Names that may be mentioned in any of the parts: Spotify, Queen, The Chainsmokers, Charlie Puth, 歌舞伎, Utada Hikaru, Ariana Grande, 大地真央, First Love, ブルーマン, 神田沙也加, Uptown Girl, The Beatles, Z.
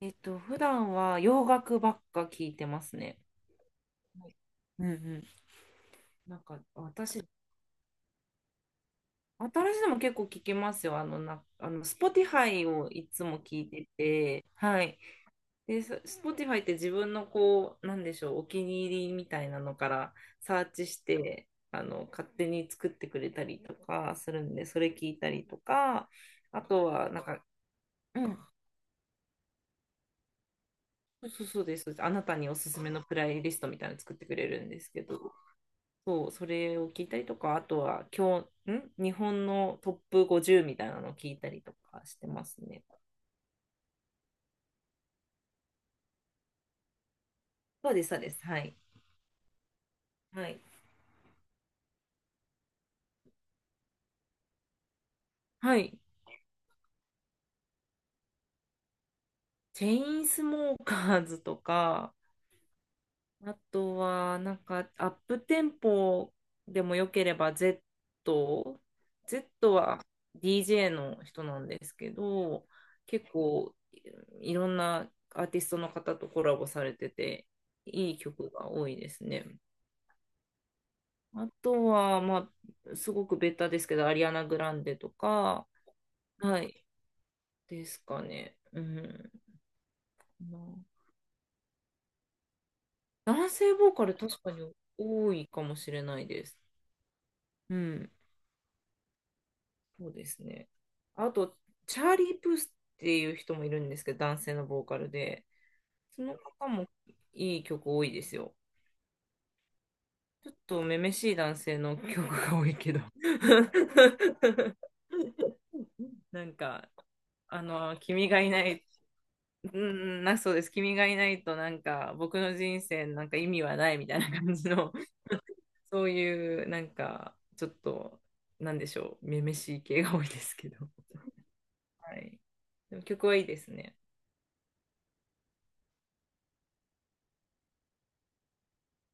普段は洋楽ばっか聞いてますね。はい。うんうん。なんか私、新しいのも結構聞きますよ。あの、な、あの、Spotify をいつも聞いてて、はい。で、Spotify って自分のこう、なんでしょう、お気に入りみたいなのからサーチして、勝手に作ってくれたりとかするんで、それ聞いたりとか、あとは、なんか、うん、そうそうそうです。あなたにおすすめのプレイリストみたいなの作ってくれるんですけど、そう、それを聞いたりとか、あとは今日、日本のトップ50みたいなのを聞いたりとかしてますね。そうです、そうです。はい。はい。はい。チェインスモーカーズとか、あとは、なんか、アップテンポでもよければ Z は DJ の人なんですけど、結構いろんなアーティストの方とコラボされてて、いい曲が多いですね。あとは、まあ、すごくベタですけど、アリアナ・グランデとか、はい、ですかね。うん。まあ男性ボーカル確かに多いかもしれないです。うん。そうですね。あと、チャーリー・プースっていう人もいるんですけど、男性のボーカルで、その方もいい曲多いですよ。ちょっとめめしい男性の曲が多いけど。なんか、君がいない、うん、そうです。君がいないと、なんか、僕の人生なんか意味はないみたいな感じの、そういう、なんか、ちょっと、なんでしょう、めめしい系が多いですけど。はい。でも曲はいいですね。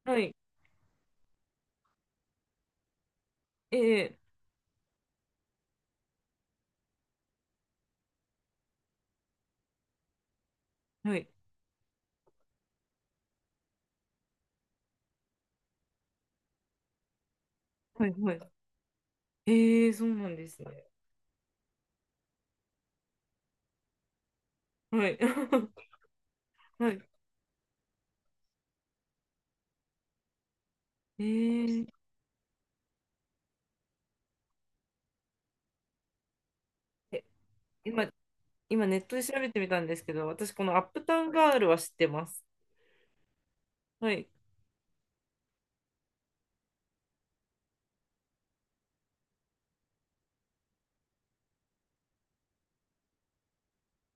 はい。ええ、はい。はい、はい。ええ、そうなんですね。はい。はい。えええ今、今ネットで調べてみたんですけど、私、このアップタウンガールは知ってます。はい。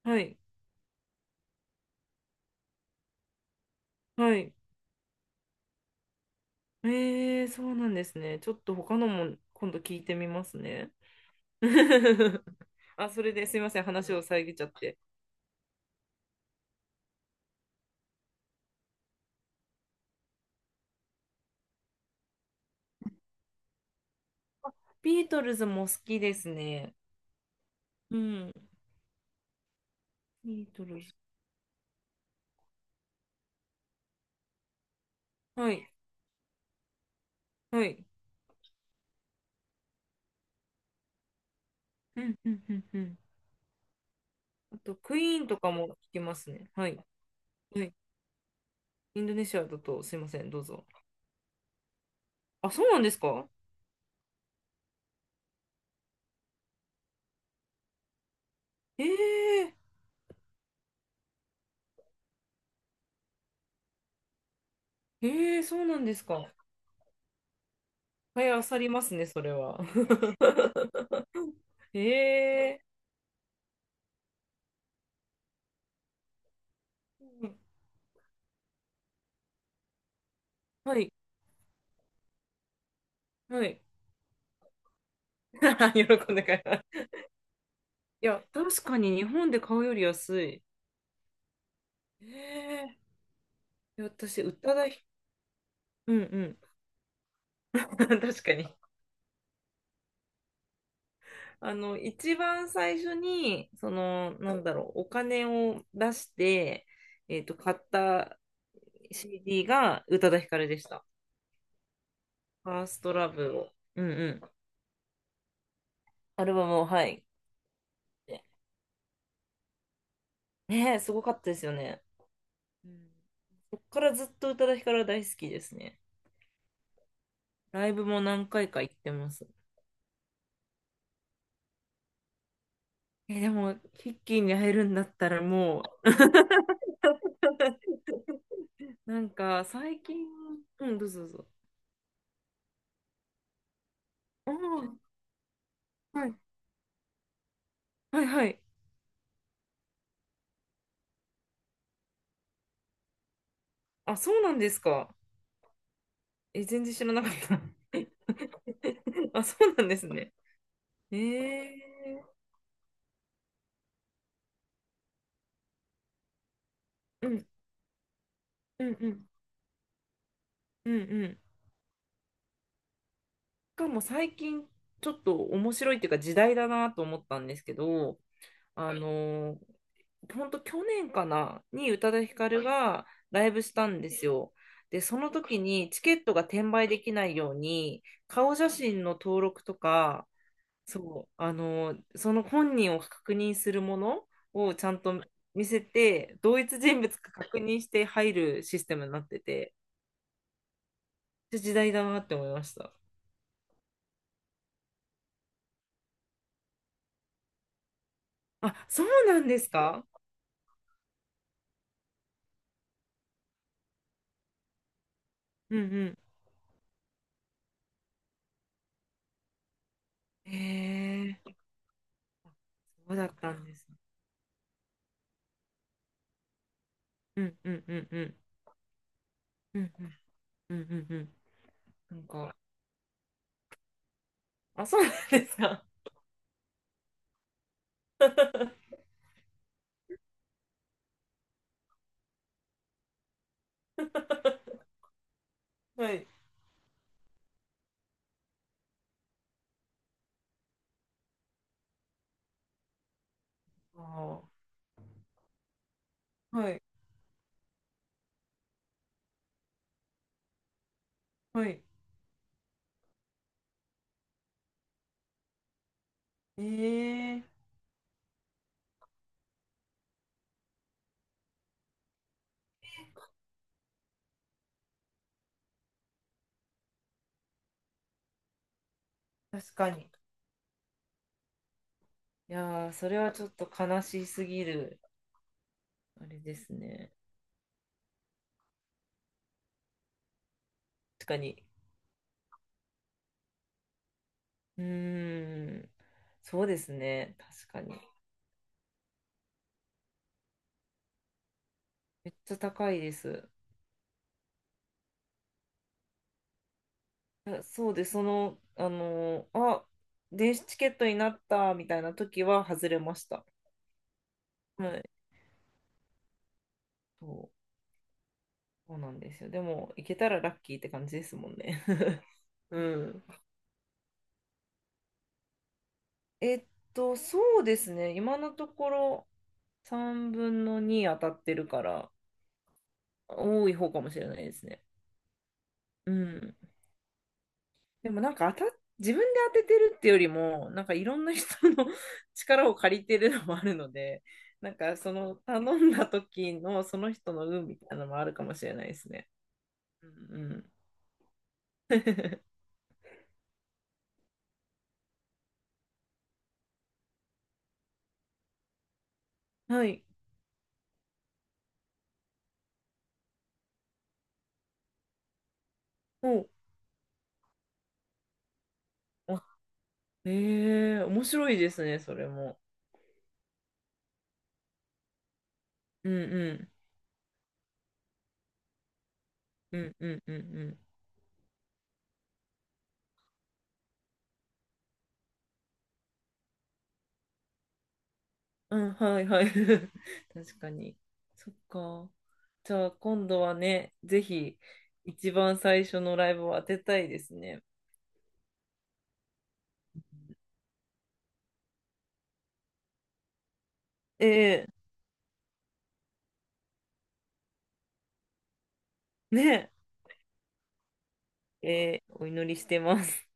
はい。はい。ええ、そうなんですね。ちょっと他のも今度聞いてみますね。あ、それですいません、話を遮っちゃって。ビートルズも好きですね。うん。ビートルズ。はい、はい。うん、うん、うん、うん。あと、クイーンとかも聞きますね。はい、はい。インドネシアだと、すいません、どうぞ。あ、そうなんですか。ええそうなんですか。はい、あさりますね、それは。ええ、はい、はい。喜んで買います。いや、確かに日本で買うより安い。ええ、いや、私、宇多田ヒ、うんうん。確かに。一番最初に、その、なんだろう、お金を出して、買った CD が宇多田ヒカルでした。ファーストラブを。うんうん。アルバムを、はい。ねえ、すごかったですよね。うん。そっからずっと宇多田ヒカルは大好きですね。ライブも何回か行ってます。え、でも、ヒッキーに会えるんだったらもう なんか、最近、うん、どうぞどうぞ。ああ、はい、はい、はい。あ、そうなんですか。え、全然知らなかった。あ、そうなんですね。ええ、うん、うん、うん、うん、うん。しかも最近、ちょっと面白いっていうか、時代だなと思ったんですけど、あの本当去年かなに宇多田ヒカルがライブしたんですよ。で、その時にチケットが転売できないように、顔写真の登録とか、そう、その本人を確認するものをちゃんと見せて、同一人物か確認して入るシステムになってて、めっちゃ時代だなって思いました。あ、そうなんですか。うんうん。へえ、そうだったんです。うんうんうんうん。うんうんうんうんうん。なんか、あ、そうなんですか。はい。あー、はい。はい。ええ、確かに。いやー、それはちょっと悲しすぎる。あれですね。確かに。うーん。そうですね。確かに。めっちゃ高いです。いや、そうです。電子チケットになったみたいな時は外れました。はい。そう、そうなんですよ。でも、行けたらラッキーって感じですもんね。うん。えっそうですね。今のところ3分の2当たってるから、多い方かもしれないですね。うん。でもなんか当たっ、自分で当ててるってよりも、なんかいろんな人の 力を借りてるのもあるので、なんかその頼んだ時のその人の運みたいなのもあるかもしれないですね。うんうん。はい。お、あ、ええ、面白いですね、それも。うんうん。うんうんうんうん。うん、はいはい。確かに。そっか。じゃあ今度はね、ぜひ一番最初のライブを当てたいですね。ええ、ねえ、ええ、お祈りしてます。